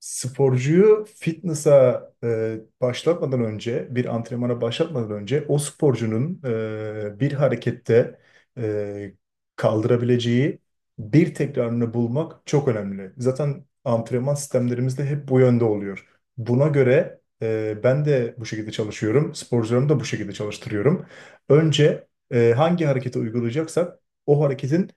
Sporcuyu fitness'a başlatmadan önce, bir antrenmana başlatmadan önce o sporcunun bir harekette e, kaldırabileceği bir tekrarını bulmak çok önemli. Zaten antrenman sistemlerimiz de hep bu yönde oluyor. Buna göre ben de bu şekilde çalışıyorum, sporcularımı da bu şekilde çalıştırıyorum. Önce hangi hareketi uygulayacaksak o hareketin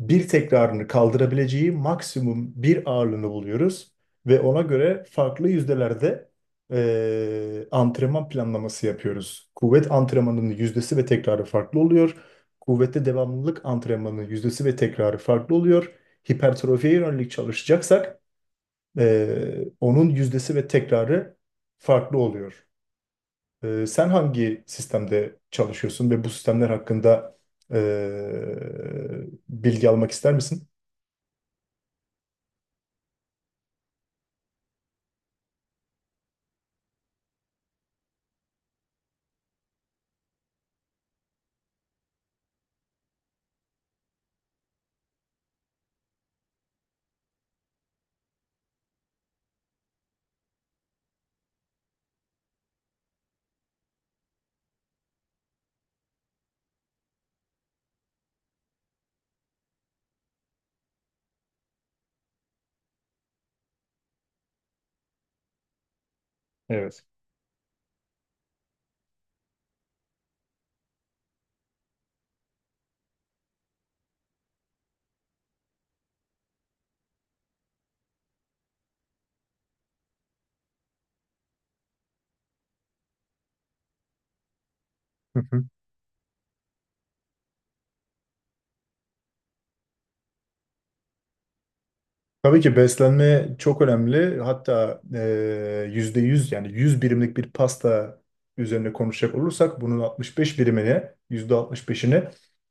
bir tekrarını kaldırabileceği maksimum bir ağırlığını buluyoruz ve ona göre farklı yüzdelerde antrenman planlaması yapıyoruz. Kuvvet antrenmanının yüzdesi ve tekrarı farklı oluyor. Kuvvette devamlılık antrenmanının yüzdesi ve tekrarı farklı oluyor. Hipertrofiye yönelik çalışacaksak onun yüzdesi ve tekrarı farklı oluyor. Sen hangi sistemde çalışıyorsun ve bu sistemler hakkında bilgi almak ister misin? Evet. Hı hı. Tabii ki beslenme çok önemli. Hatta %100 yani 100 birimlik bir pasta üzerine konuşacak olursak bunun 65 birimini, yüzde 65'ini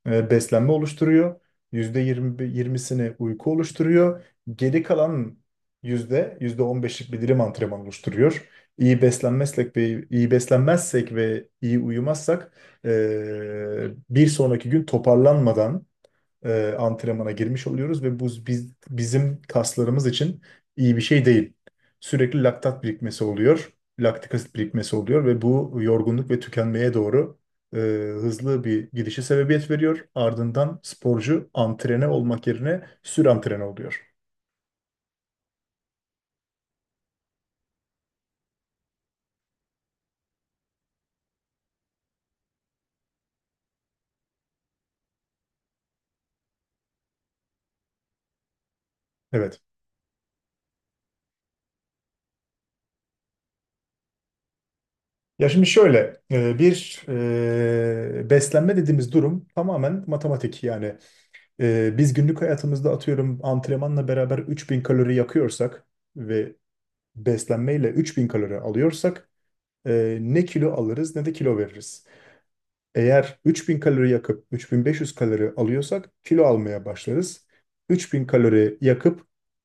beslenme oluşturuyor. Yüzde 20'sini uyku oluşturuyor. Geri kalan yüzde 15'lik bir dilim antrenman oluşturuyor. İyi beslenmezsek ve iyi uyumazsak bir sonraki gün toparlanmadan antrenmana girmiş oluyoruz ve bu bizim kaslarımız için iyi bir şey değil. Sürekli laktat birikmesi oluyor, laktik asit birikmesi oluyor ve bu yorgunluk ve tükenmeye doğru e, hızlı bir gidişe sebebiyet veriyor. Ardından sporcu antrene olmak yerine sürantrene oluyor. Evet. Ya şimdi şöyle bir beslenme dediğimiz durum tamamen matematik, yani biz günlük hayatımızda atıyorum antrenmanla beraber 3000 kalori yakıyorsak ve beslenmeyle 3000 kalori alıyorsak ne kilo alırız ne de kilo veririz. Eğer 3000 kalori yakıp 3500 kalori alıyorsak kilo almaya başlarız. 3000 kalori yakıp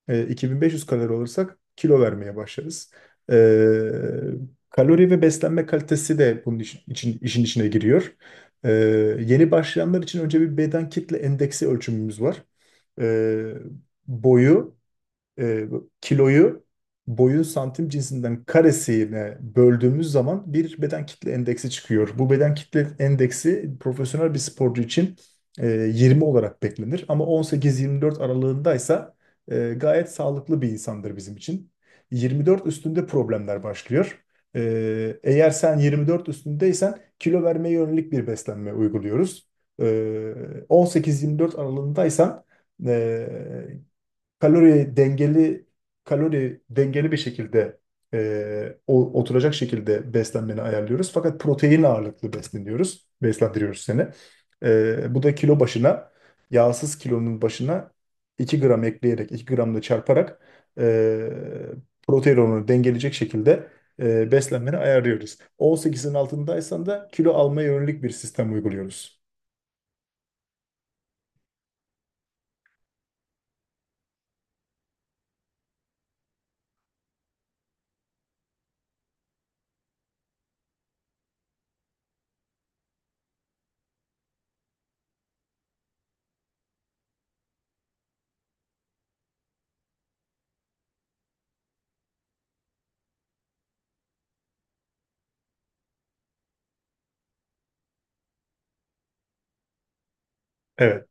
2500 kalori alırsak kilo vermeye başlarız. E, kalori ve beslenme kalitesi de bunun işin içine giriyor. E, yeni başlayanlar için önce bir beden kitle endeksi ölçümümüz var. E, boyu e, kiloyu, boyun santim cinsinden karesine böldüğümüz zaman bir beden kitle endeksi çıkıyor. Bu beden kitle endeksi profesyonel bir sporcu için 20 olarak beklenir. Ama 18-24 aralığındaysa gayet sağlıklı bir insandır bizim için. 24 üstünde problemler başlıyor. Eğer sen 24 üstündeysen kilo vermeye yönelik bir beslenme uyguluyoruz. E, 18-24 aralığındaysan e, kalori dengeli kalori dengeli bir şekilde oturacak şekilde beslenmeni ayarlıyoruz. Fakat protein ağırlıklı besleniyoruz, beslendiriyoruz seni. Bu da kilo başına, yağsız kilonun başına 2 gram ekleyerek, 2 gramla çarparak e, protein oranını dengeleyecek şekilde beslenmeni ayarlıyoruz. 18'in altındaysan da kilo almaya yönelik bir sistem uyguluyoruz. Evet,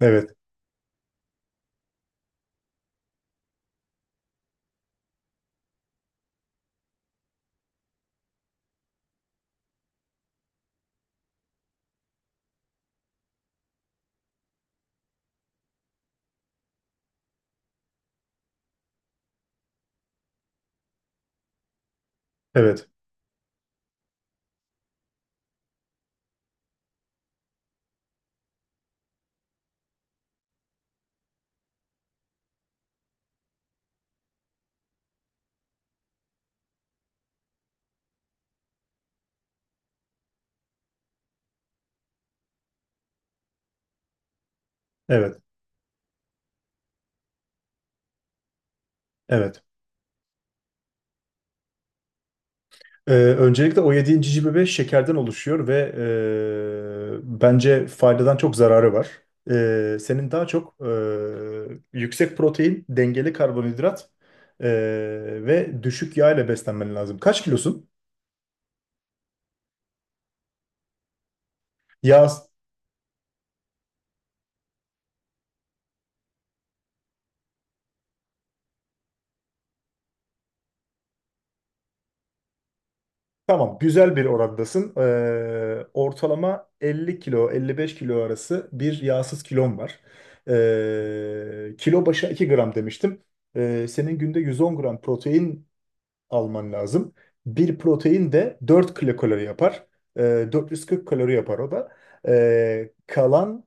evet, evet, evet, evet. Öncelikle o yediğin cici bebe şekerden oluşuyor ve bence faydadan çok zararı var. Senin daha çok yüksek protein, dengeli karbonhidrat eee, ve düşük yağ ile beslenmen lazım. Kaç kilosun? Yağ tamam, güzel bir orandasın. Ortalama 50 kilo 55 kilo arası bir yağsız kilon var. Kilo başına 2 gram demiştim. Senin günde 110 gram protein alman lazım. Bir protein de 4 kilokalori yapar. 440 kalori yapar o da. Kalan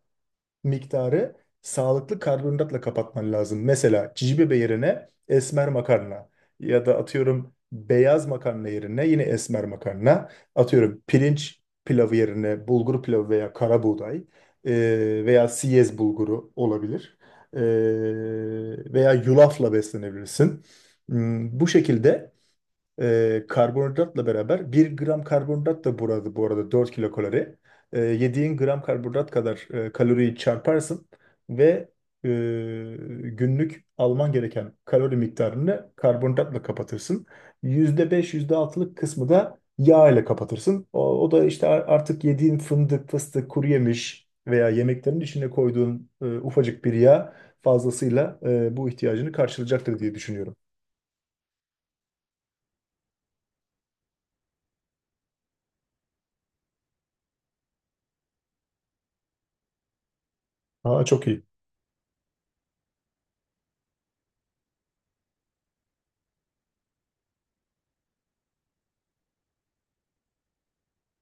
miktarı sağlıklı karbonhidratla kapatman lazım. Mesela cici bebe yerine esmer makarna ya da atıyorum beyaz makarna yerine yine esmer makarna. Atıyorum, pirinç pilavı yerine bulgur pilavı veya kara buğday veya siyez bulguru olabilir. Ee, veya yulafla beslenebilirsin. Bu şekilde karbonhidratla beraber, 1 gram karbonhidrat da burada bu arada 4 kilo kalori. Yediğin gram karbonhidrat kadar kaloriyi çarparsın ve e, günlük alman gereken kalori miktarını karbonhidratla kapatırsın. Yüzde altılık kısmı da yağ ile kapatırsın. O da işte artık yediğin fındık, fıstık, kuru yemiş veya yemeklerin içine koyduğun ufacık bir yağ fazlasıyla bu ihtiyacını karşılayacaktır diye düşünüyorum. Aa, çok iyi.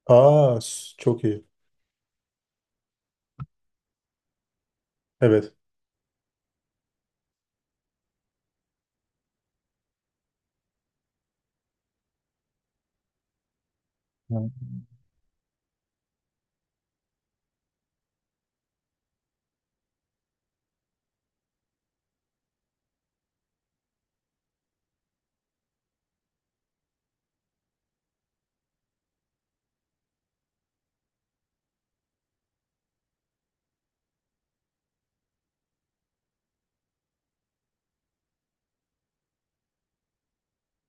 Aa, çok iyi. Evet. Yani,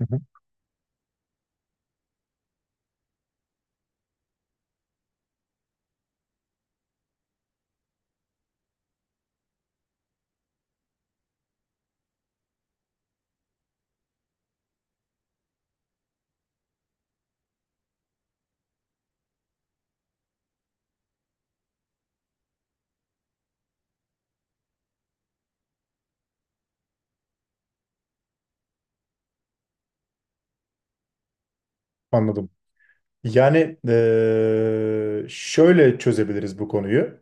hı hı. Anladım. Yani şöyle çözebiliriz bu konuyu.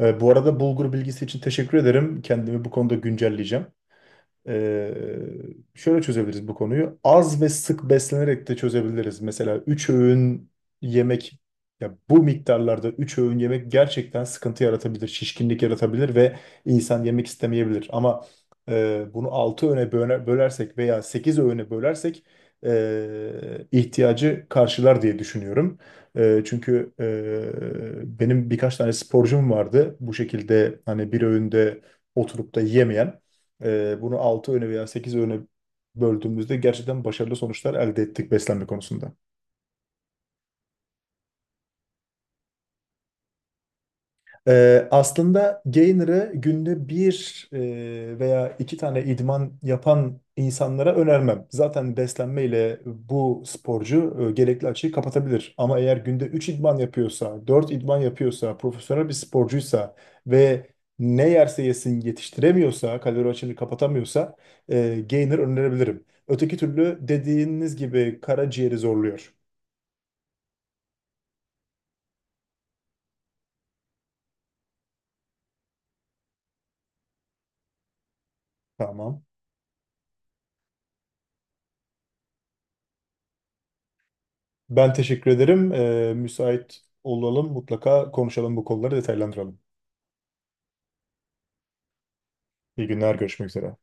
Bu arada bulgur bilgisi için teşekkür ederim. Kendimi bu konuda güncelleyeceğim. Ee, şöyle çözebiliriz bu konuyu. Az ve sık beslenerek de çözebiliriz. Mesela 3 öğün yemek, ya bu miktarlarda 3 öğün yemek gerçekten sıkıntı yaratabilir, şişkinlik yaratabilir ve insan yemek istemeyebilir. Ama bunu 6 öğüne bölersek veya 8 öğüne bölersek ihtiyacı karşılar diye düşünüyorum. Çünkü benim birkaç tane sporcum vardı bu şekilde, hani bir öğünde oturup da yemeyen. Bunu 6 öğüne veya 8 öğüne böldüğümüzde gerçekten başarılı sonuçlar elde ettik beslenme konusunda. Aslında Gainer'ı günde bir veya iki tane idman yapan insanlara önermem. Zaten beslenmeyle bu sporcu gerekli açığı kapatabilir. Ama eğer günde 3 idman yapıyorsa, 4 idman yapıyorsa, profesyonel bir sporcuysa ve ne yerse yesin yetiştiremiyorsa, kalori açığını kapatamıyorsa Gainer önerebilirim. Öteki türlü dediğiniz gibi karaciğeri zorluyor. Tamam. Ben teşekkür ederim. Müsait olalım. Mutlaka konuşalım, bu konuları detaylandıralım. İyi günler, görüşmek üzere.